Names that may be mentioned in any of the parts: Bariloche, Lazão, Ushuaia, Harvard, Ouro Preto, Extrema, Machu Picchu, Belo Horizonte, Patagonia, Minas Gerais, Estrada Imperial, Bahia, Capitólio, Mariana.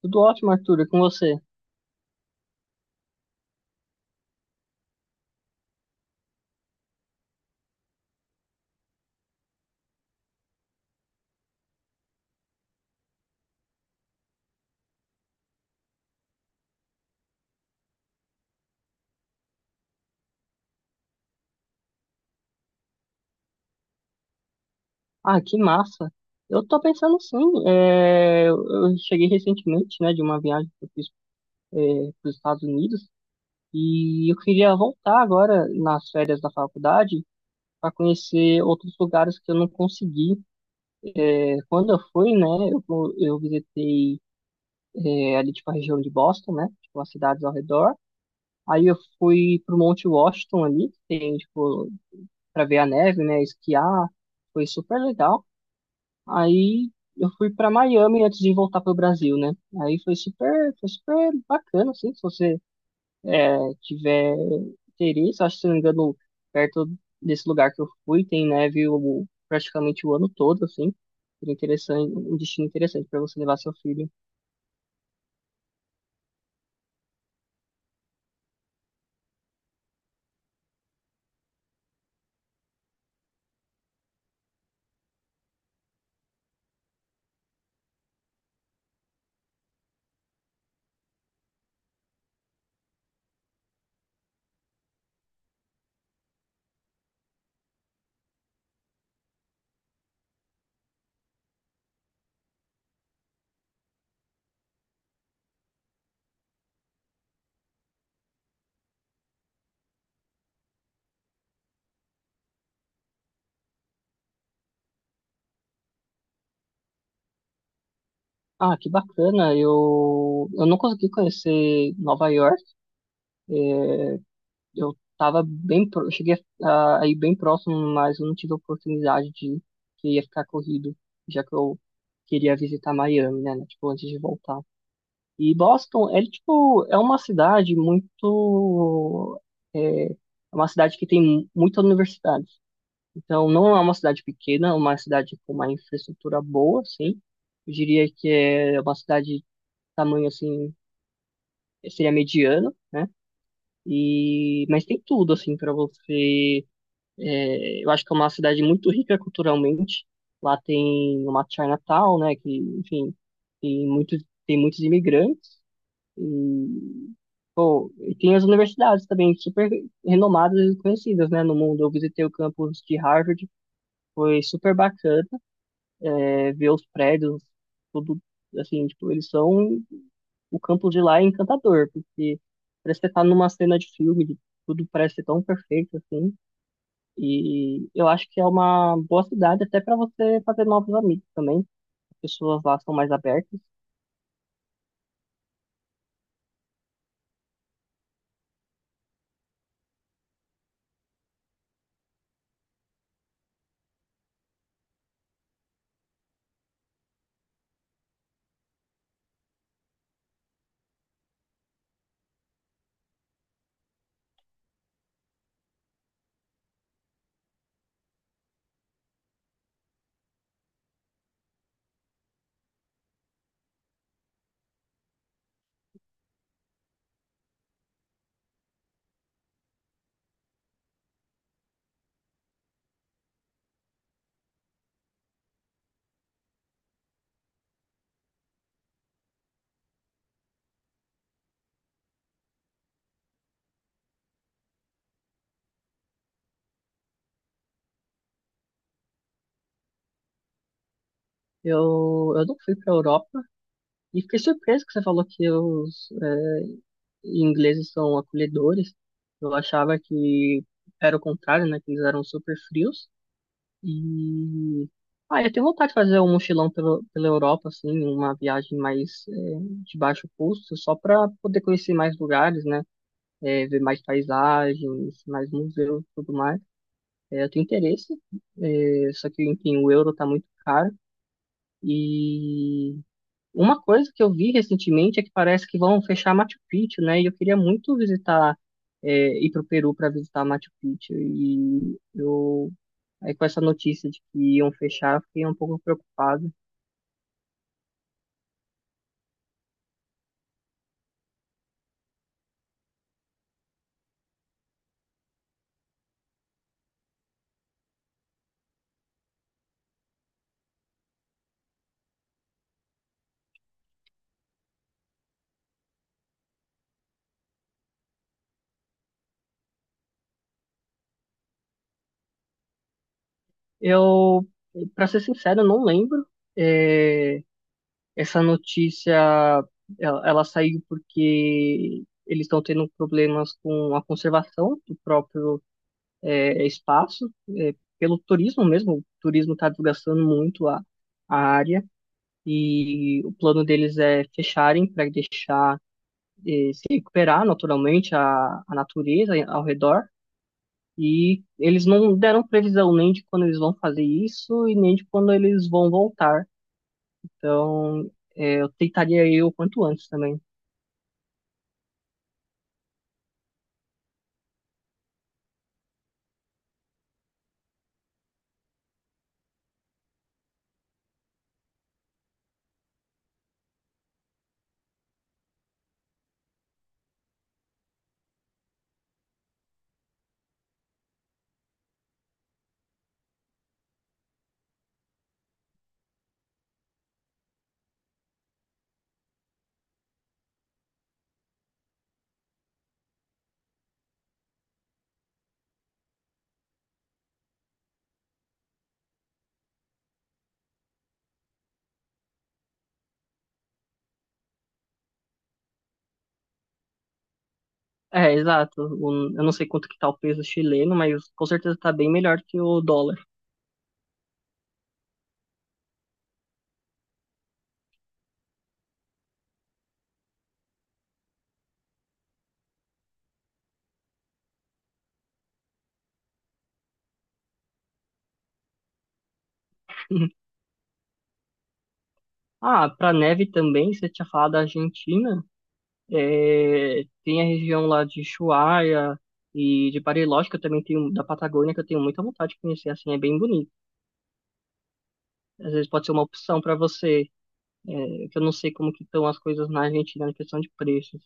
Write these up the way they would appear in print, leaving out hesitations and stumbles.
Tudo ótimo, Arthur, e com você? Ah, que massa! Eu tô pensando sim, eu cheguei recentemente, né, de uma viagem que eu fiz para os Estados Unidos e eu queria voltar agora nas férias da faculdade para conhecer outros lugares que eu não consegui. É, quando eu fui, né, eu visitei ali, tipo, a região de Boston, né, tipo, as cidades ao redor. Aí eu fui pro Monte Washington ali, que tem, tipo, para ver a neve, né, esquiar, foi super legal. Aí eu fui pra Miami antes de voltar pro Brasil, né? Aí foi super bacana, assim, se você tiver interesse, acho que se não me engano, perto desse lugar que eu fui, praticamente o ano todo, assim. Seria interessante, um destino interessante para você levar seu filho. Ah, que bacana! Eu não consegui conhecer Nova York. é, eu cheguei a ir bem próximo, mas eu não tive a oportunidade de ir, porque ia ficar corrido, já que eu queria visitar Miami, né, tipo, antes de voltar. E Boston, é uma cidade é uma cidade que tem muitas universidades. Então, não é uma cidade pequena, é uma cidade com uma infraestrutura boa, sim. Eu diria que é uma cidade de tamanho assim, seria mediano, né? E mas tem tudo assim para você. É, eu acho que é uma cidade muito rica culturalmente. Lá tem uma Chinatown, né? Que, enfim, tem muitos imigrantes. E, e tem as universidades também, super renomadas e conhecidas, né? No mundo. Eu visitei o campus de Harvard, foi super bacana, ver os prédios, tudo assim, tipo, eles são. O campus de lá é encantador, porque parece que você tá numa cena de filme, tudo parece ser tão perfeito assim. E eu acho que é uma boa cidade até para você fazer novos amigos também. As pessoas lá são mais abertas. Eu não fui para a Europa e fiquei surpreso que você falou que os ingleses são acolhedores. Eu achava que era o contrário, né? Que eles eram super frios. E ah, eu tenho vontade de fazer um mochilão pela Europa, assim, uma viagem mais de baixo custo, só para poder conhecer mais lugares, né? Ver mais paisagens, mais museus, e tudo mais. É, eu tenho interesse, é, só que, enfim, o euro tá muito caro. E uma coisa que eu vi recentemente é que parece que vão fechar Machu Picchu, né? E eu queria muito visitar, é, ir pro Peru para visitar Machu Picchu. E eu, aí com essa notícia de que iam fechar, eu fiquei um pouco preocupado. Eu, para ser sincero, eu não lembro. É, essa notícia, ela saiu porque eles estão tendo problemas com a conservação do próprio espaço, é, pelo turismo mesmo. O turismo está desgastando muito a área e o plano deles é fecharem para deixar se recuperar naturalmente a natureza ao redor. E eles não deram previsão nem de quando eles vão fazer isso e nem de quando eles vão voltar. Então, eu tentaria ir o quanto antes também. É, exato. Eu não sei quanto que tá o peso chileno, mas com certeza tá bem melhor que o dólar. Ah, para neve também, você tinha falado da Argentina, é, tem a região lá de Ushuaia e de Bariloche, que eu também tenho, da Patagônia, que eu tenho muita vontade de conhecer, assim, é bem bonito. Às vezes pode ser uma opção para você, é, que eu não sei como que estão as coisas na Argentina na questão de preços.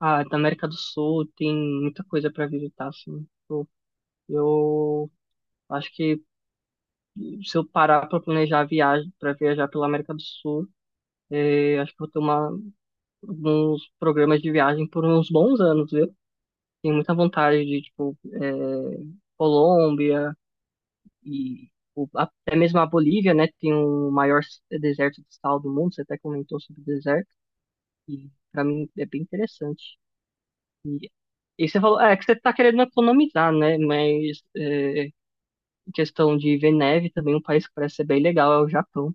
Ah, da América do Sul tem muita coisa para visitar, assim. Eu acho que se eu parar para planejar a viagem, para viajar pela América do Sul, é, acho que eu vou ter uma dos programas de viagem por uns bons anos, viu? Tenho muita vontade de, tipo, é, Colômbia até mesmo a Bolívia, né? Que tem o deserto de sal do mundo. Você até comentou sobre o deserto e para mim é bem interessante. E, e você falou, é que você tá querendo economizar, né? Mas é, em questão de ver neve também, um país que parece ser bem legal é o Japão.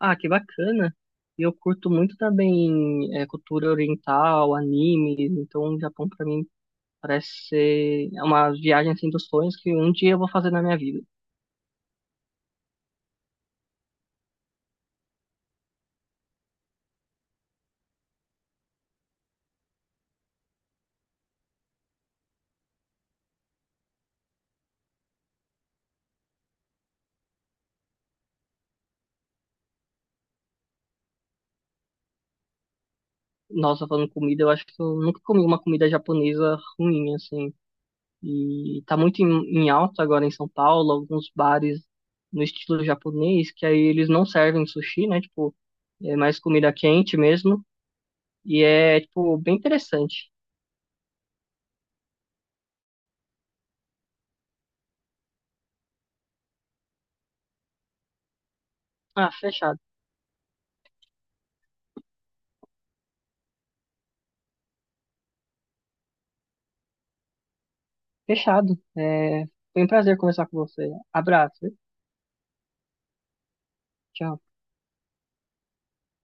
Ah, que bacana! E eu curto muito também é, cultura oriental, anime, então o Japão para mim parece ser uma viagem assim dos sonhos que um dia eu vou fazer na minha vida. Nossa, falando comida, eu acho que eu nunca comi uma comida japonesa ruim, assim. E tá muito em, em alta agora em São Paulo, alguns bares no estilo japonês, que aí eles não servem sushi, né? Tipo, é mais comida quente mesmo. E é, tipo, bem interessante. Ah, fechado. Fechado. É, foi um prazer conversar com você. Abraço. Tchau.